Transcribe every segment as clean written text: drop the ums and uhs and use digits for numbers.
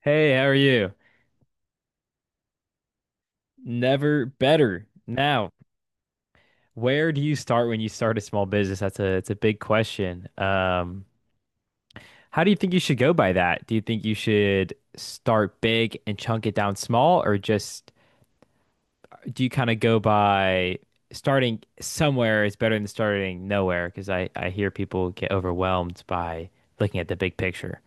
Hey, how are you? Never better. Now, where do you start when you start a small business? That's a it's a big question. How do you think you should go by that? Do you think you should start big and chunk it down small, or just do you kind of go by starting somewhere is better than starting nowhere? Because I hear people get overwhelmed by looking at the big picture.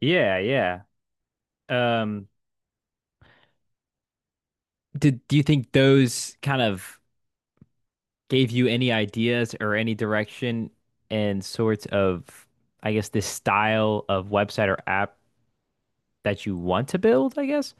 Yeah, yeah. Um, do you think those kind of gave you any ideas or any direction and sorts of, I guess, this style of website or app that you want to build, I guess?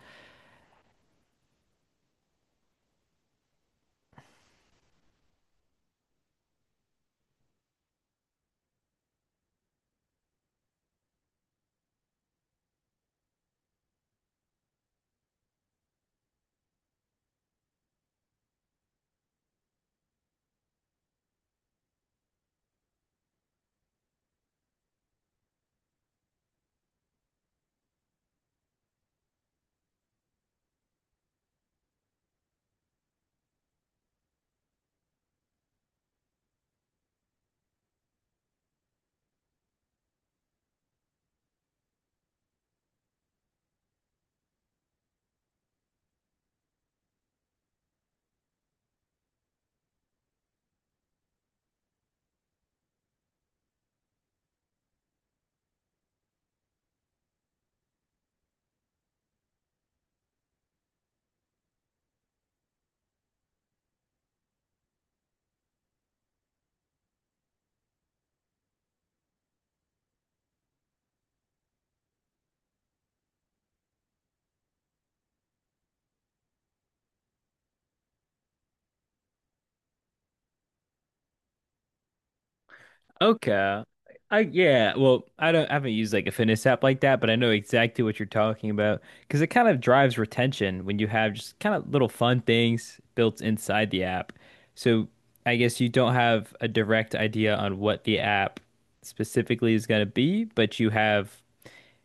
Okay. I yeah, well, I haven't used like a fitness app like that, but I know exactly what you're talking about because it kind of drives retention when you have just kind of little fun things built inside the app. So I guess you don't have a direct idea on what the app specifically is going to be, but you have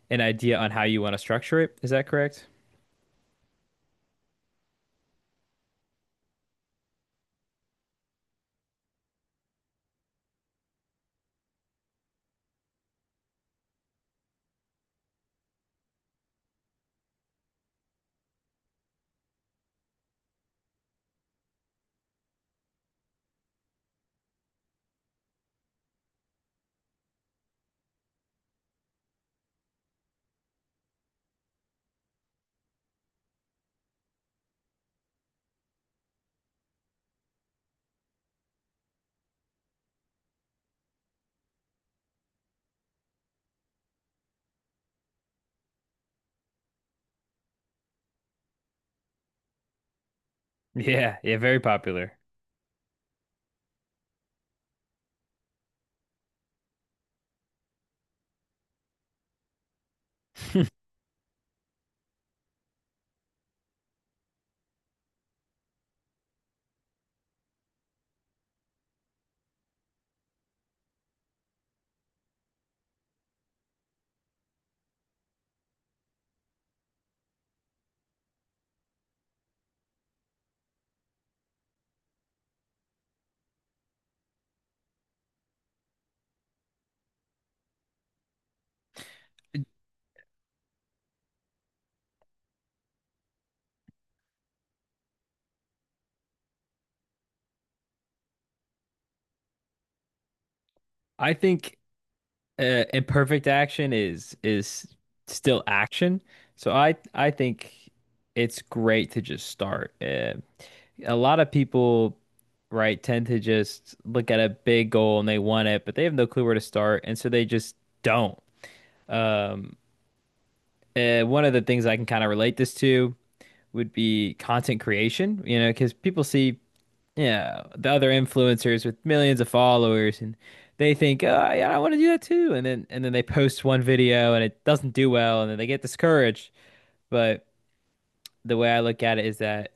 an idea on how you want to structure it. Is that correct? Yeah, yeah, very popular. I think imperfect action is still action. So I think it's great to just start. A lot of people, right, tend to just look at a big goal and they want it, but they have no clue where to start, and so they just don't. One of the things I can kind of relate this to would be content creation, you know, because people see, yeah, the other influencers with millions of followers, and they think, "Oh, yeah, I want to do that too." And then they post one video and it doesn't do well, and then they get discouraged. But the way I look at it is that,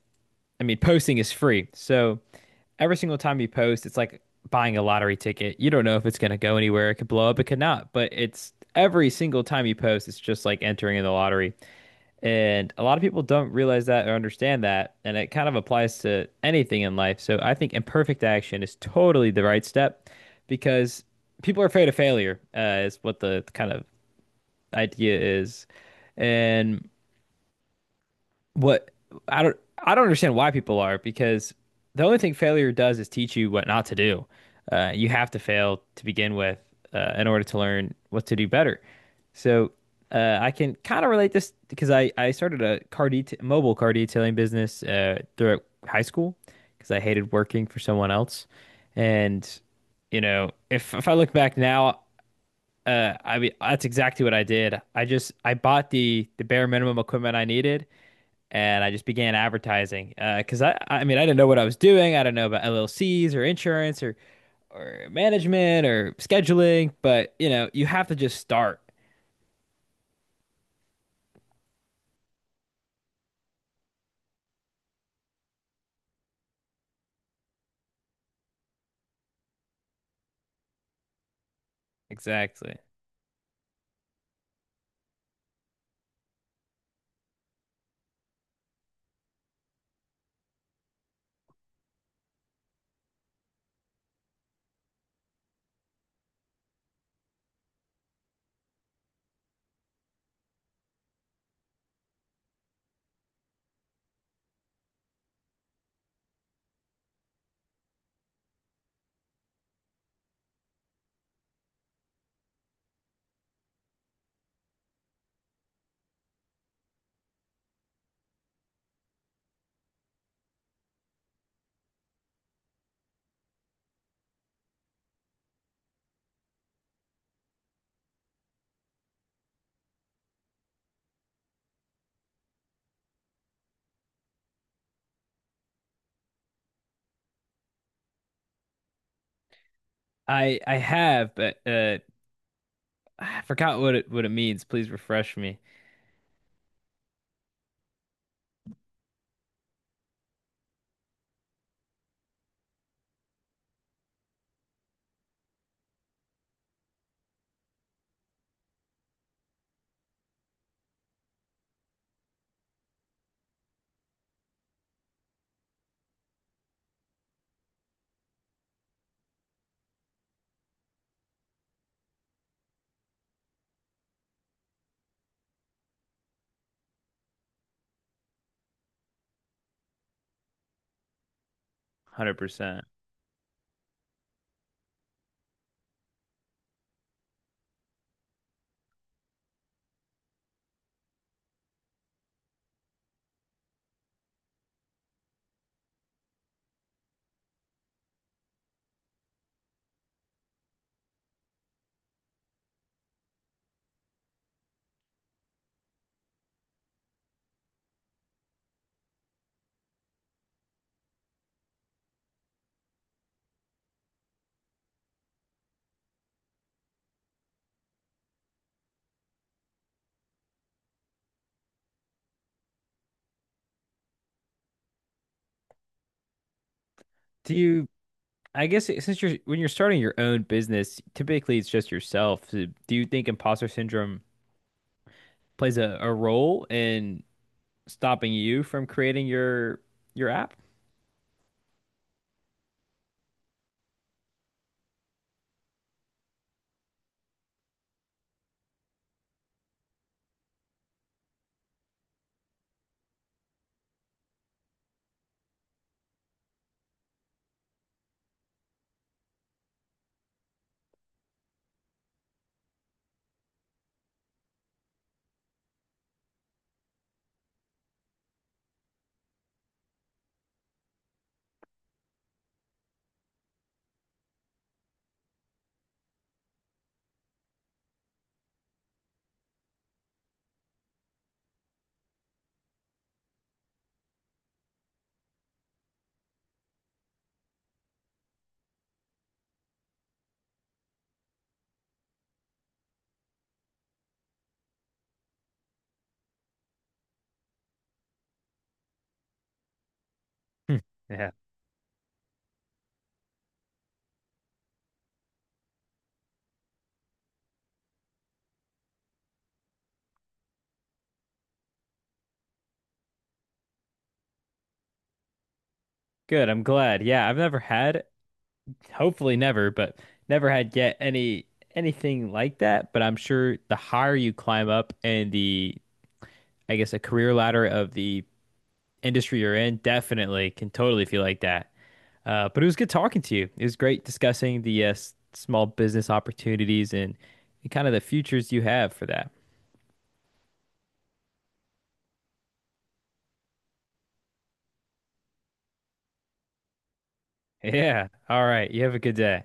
I mean, posting is free. So every single time you post, it's like buying a lottery ticket. You don't know if it's gonna go anywhere. It could blow up, it could not. But it's every single time you post, it's just like entering in the lottery. And a lot of people don't realize that or understand that. And it kind of applies to anything in life. So I think imperfect action is totally the right step because people are afraid of failure, is what the kind of idea is. And what I don't understand why people are, because the only thing failure does is teach you what not to do. You have to fail to begin with in order to learn what to do better. So I can kind of relate this because I started a car det mobile car detailing business throughout high school because I hated working for someone else. And you know, if I look back now, I mean that's exactly what I did. I just I bought the bare minimum equipment I needed and I just began advertising because I mean I didn't know what I was doing. I didn't know about LLCs or insurance or management or scheduling, but you know you have to just start. Exactly. I have, but I forgot what it means. Please refresh me. 100%. Do you, I guess it- since you're when you're starting your own business, typically it's just yourself. So do you think imposter syndrome plays a role in stopping you from creating your app? Hmm. Good. I'm glad. Yeah, I've never had, hopefully never, but never had yet any anything like that. But I'm sure the higher you climb up and the, I guess, a career ladder of the industry you're in, definitely can totally feel like that. But it was good talking to you. It was great discussing the s- small business opportunities and kind of the futures you have for that. Yeah. All right. You have a good day.